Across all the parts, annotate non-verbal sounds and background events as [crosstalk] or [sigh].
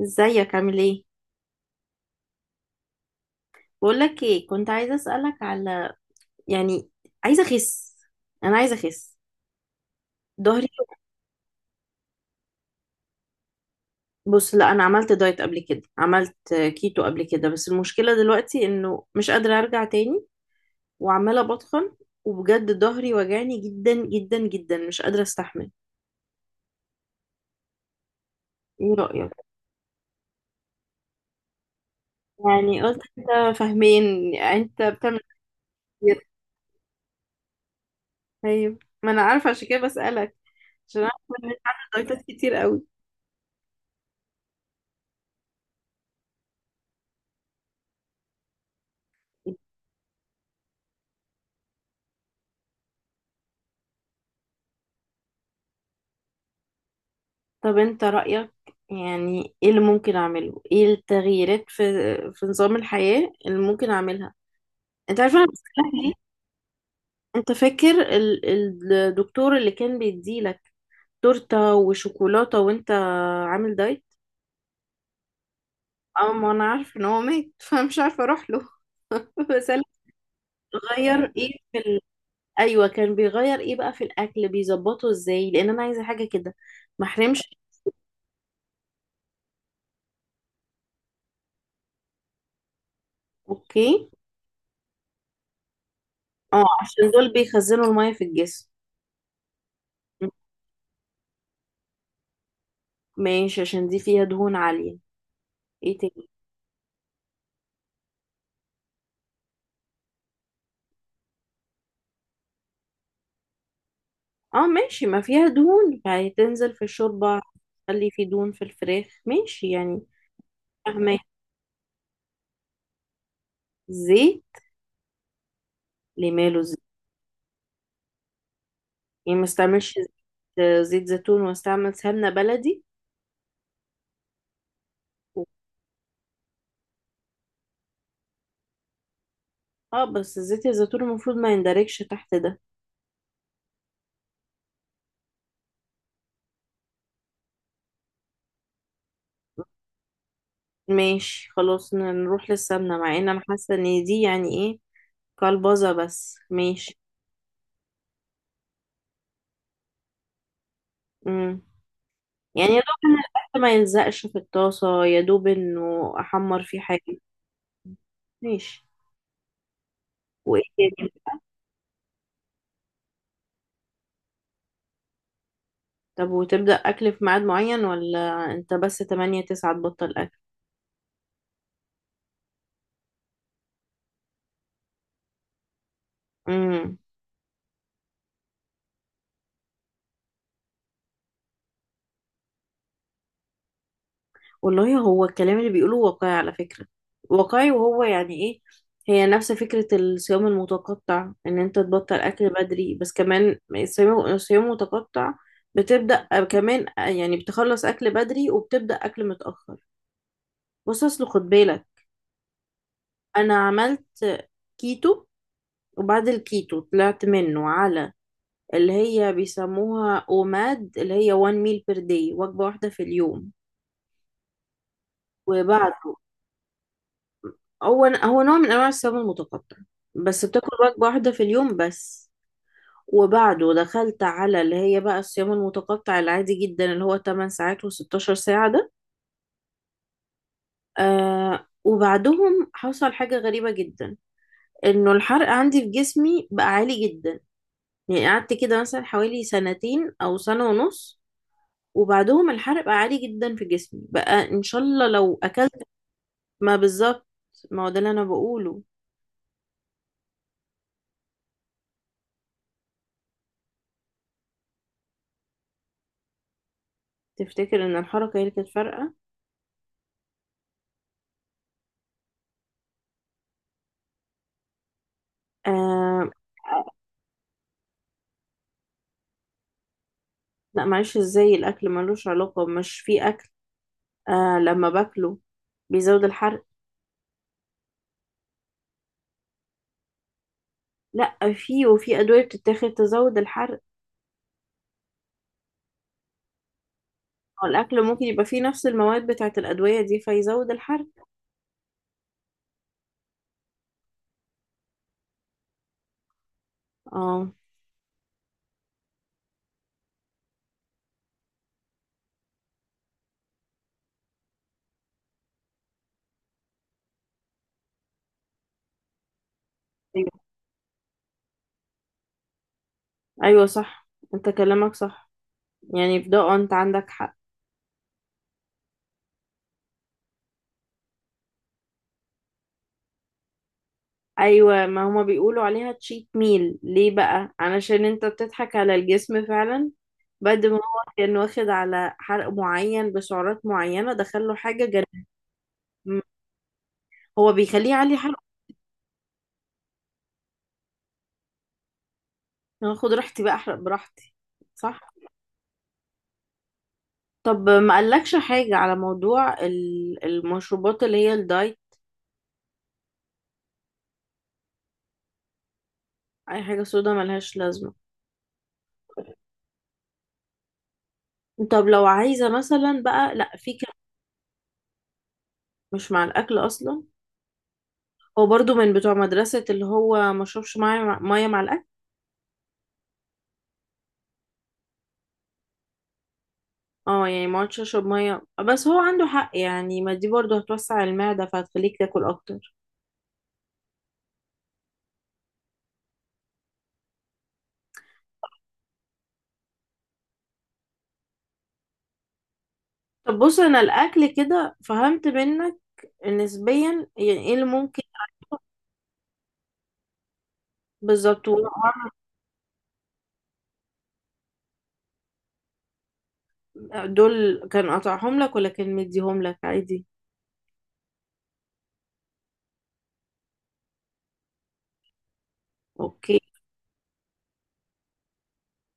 ازيك، عامل ايه؟ بقولك ايه، كنت عايزه اسالك على، يعني، عايزه اخس انا عايزه اخس، ظهري. بص، لا، انا عملت دايت قبل كده، عملت كيتو قبل كده. بس المشكله دلوقتي انه مش قادره ارجع تاني وعماله بتخن. وبجد ظهري وجعني جدا جدا جدا، مش قادره استحمل. ايه رايك؟ يعني قلت انت فاهمين انت بتعمل. كتير، ايوه، ما انا عارفه عشان كده بسالك، عشان عارفه ان انت عامل دايتات كتير قوي. طب انت رأيك، يعني ايه اللي ممكن اعمله، ايه التغييرات في نظام الحياة اللي ممكن اعملها؟ انت عارف انا بسألك ليه؟ [laughs] انت فاكر الدكتور اللي كان بيديلك تورتة وشوكولاتة وانت عامل دايت؟ اه، ما انا عارفة ان هو مات. [laughs] فمش عارفة اروح له. [laughs] بسألك. غير ايه في ايوه، كان بيغير ايه بقى في الاكل، بيظبطه ازاي، لان انا عايزة حاجة كده ما احرمش. اوكي. اه، عشان دول بيخزنوا المية في الجسم. ماشي، عشان دي فيها دهون عالية. ايه تاني؟ اه، ماشي، ما فيها دهون يعني تنزل في الشوربة، تخلي في دهون في الفراخ، ماشي يعني. فاهمة. زيت. لماله زيت؟ يعني ما استعملش. زيت زيتون واستعمل سمنة بلدي. و- اه، بس زيت الزيتون المفروض ما يندرجش تحت ده. ماشي، خلاص نروح للسمنة، مع ان انا حاسة ان دي يعني ايه، كلبظة، بس ماشي. امم. يعني يا دوب ان الاكل ما يلزقش في الطاسة، يا دوب انه احمر فيه حاجة. ماشي. وايه تاني؟ طب وتبدأ اكل في ميعاد معين، ولا انت بس 8، 9 تبطل اكل؟ امم. والله هو الكلام اللي بيقوله واقعي على فكرة. واقعي، وهو يعني ايه، هي نفس فكرة الصيام المتقطع، ان انت تبطل اكل بدري. بس كمان الصيام المتقطع بتبدأ كمان، يعني بتخلص اكل بدري وبتبدأ اكل متأخر. بص، اصل خد بالك، انا عملت كيتو. وبعد الكيتو طلعت منه على اللي هي بيسموها اوماد، اللي هي one meal per day، وجبة واحدة في اليوم. وبعد، هو نوع من انواع الصيام المتقطع، بس بتاكل وجبة واحدة في اليوم بس. وبعده دخلت على اللي هي بقى الصيام المتقطع العادي جدا، اللي هو 8 ساعات و16 ساعة ده. آه، وبعدهم حصل حاجة غريبة جدا، انه الحرق عندي في جسمي بقى عالي جدا، يعني قعدت كده مثلا حوالي سنتين او سنة ونص، وبعدهم الحرق بقى عالي جدا في جسمي بقى ان شاء الله لو اكلت. ما بالظبط، ما هو ده اللي انا بقوله. تفتكر ان الحركه هي اللي كانت فارقه؟ آه، آه، لا، معلش، ازاي الاكل ملوش علاقه؟ مش في اكل، آه لما باكله بيزود الحرق. لا، في وفي ادويه بتتاخد تزود الحرق. هو الاكل ممكن يبقى فيه نفس المواد بتاعه الادويه دي فيزود الحرق. اه. ايوه، ايوه، صح، انت كلامك صح، يعني في ده آه، انت عندك حق. ايوه، ما هما بيقولوا عليها تشيت ميل ليه بقى؟ علشان انت بتضحك على الجسم فعلا، بعد ما هو كان واخد على حرق معين بسعرات معينة دخله حاجة جنب. هو بيخليه يعلي حرقه. أنا هاخد راحتي بقى احرق براحتي. صح. طب، ما قالكش حاجة على موضوع المشروبات اللي هي الدايت؟ اي حاجة سودا ملهاش لازمة. طب لو عايزة مثلا بقى، لا، في كلام. مش مع الاكل اصلا. هو برضو من بتوع مدرسة اللي هو مشربش مية مع الاكل. اه يعني ما عادش اشرب ميه؟ آه، بس هو عنده حق يعني، ما دي برضه هتوسع المعده فهتخليك تاكل اكتر. طب بص، انا الاكل كده فهمت منك نسبيا، يعني ايه اللي ممكن. بالظبط، دول كان قطعهم لك ولا كان مديهم لك عادي؟ اوكي.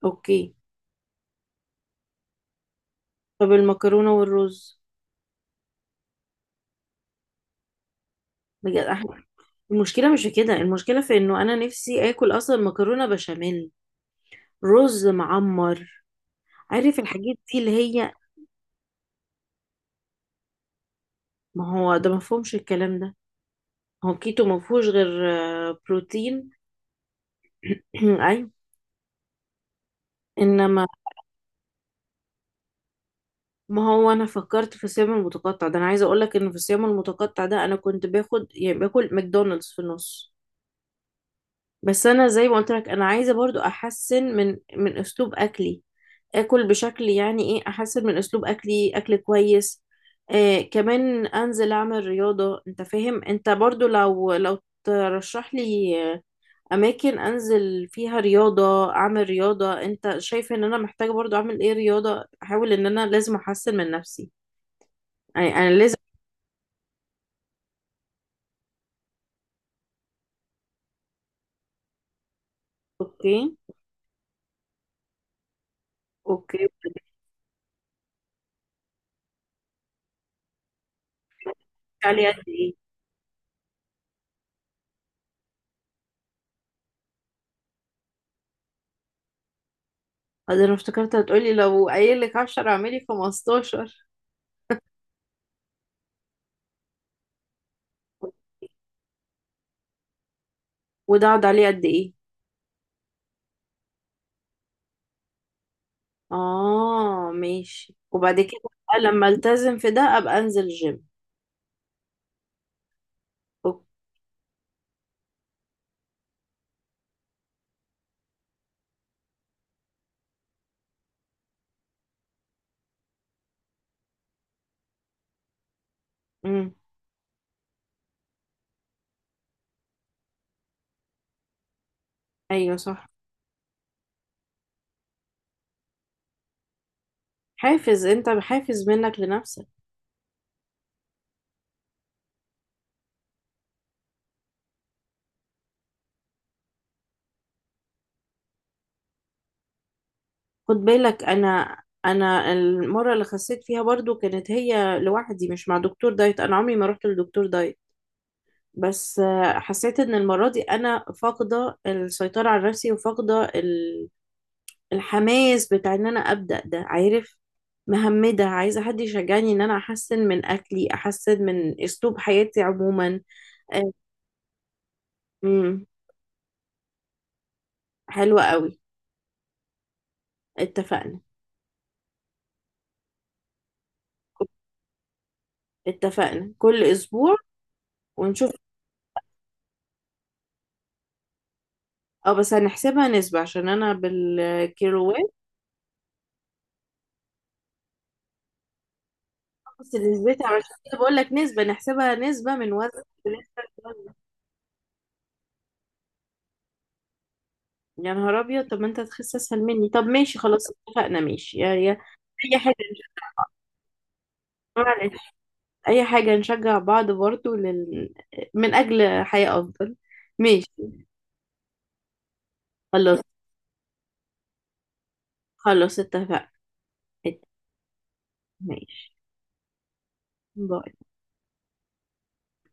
اوكي. طب المكرونه والرز؟ بجد احنا، المشكله مش في كده، المشكله في انه انا نفسي اكل اصلا مكرونه بشاميل، رز معمر، عارف الحاجات دي اللي هي. ما هو ده مفهومش الكلام ده، هو كيتو ما فيهوش غير آه، بروتين. [clears throat] ايوه، انما، ما هو انا فكرت في الصيام المتقطع ده، انا عايزه اقول لك ان في الصيام المتقطع ده انا كنت باخد يعني باكل ماكدونالدز في النص. بس انا زي ما قلت لك انا عايزه برضو احسن من اسلوب اكلي، اكل بشكل يعني ايه احسن من اسلوب اكلي، اكل كويس. آه كمان انزل اعمل رياضه، انت فاهم، انت برضو لو ترشح لي اماكن انزل فيها رياضة، اعمل رياضة، انت شايف ان انا محتاجة برضو اعمل ايه رياضة، احاول ان انا لازم احسن من نفسي، يعني انا لازم. اوكي، اوكي، قلت. علي قد ايه؟ أه، ده انا افتكرت هتقولي لو قايل لك 10 اعملي 15. وده اقعد عليه قد ايه؟ اه، ماشي. وبعد كده بقى لما التزم في ده ابقى انزل جيم. أوك- أمم، ايوه، صح. انت حافز منك لنفسك. خد بالك، انا المره اللي خسيت فيها برضو كانت هي لوحدي، مش مع دكتور دايت، انا عمري ما رحت لدكتور دايت. بس آه، حسيت ان المره دي انا فاقده السيطره على نفسي وفاقده الحماس بتاع ان انا ابدا ده، عارف. مهمده عايزه حد يشجعني ان انا احسن من اكلي، احسن من اسلوب حياتي عموما. آه، امم. حلوه قوي. اتفقنا. اتفقنا، كل اسبوع. ونشوف. اه، بس هنحسبها نسبة عشان انا بالكيلوات. بس نسبتها عشان كده بقول لك نسبة، نحسبها نسبة من وزن. بنسبة لوزن. يا نهار ابيض، طب ما انت هتخس اسهل مني، طب ماشي، خلاص، اتفقنا. ماشي يا. اي حاجة نشجع. اي حاجة نشجع بعض برضو من اجل حياة افضل. ماشي. خلاص. خلاص اتفقنا. ماشي. باي.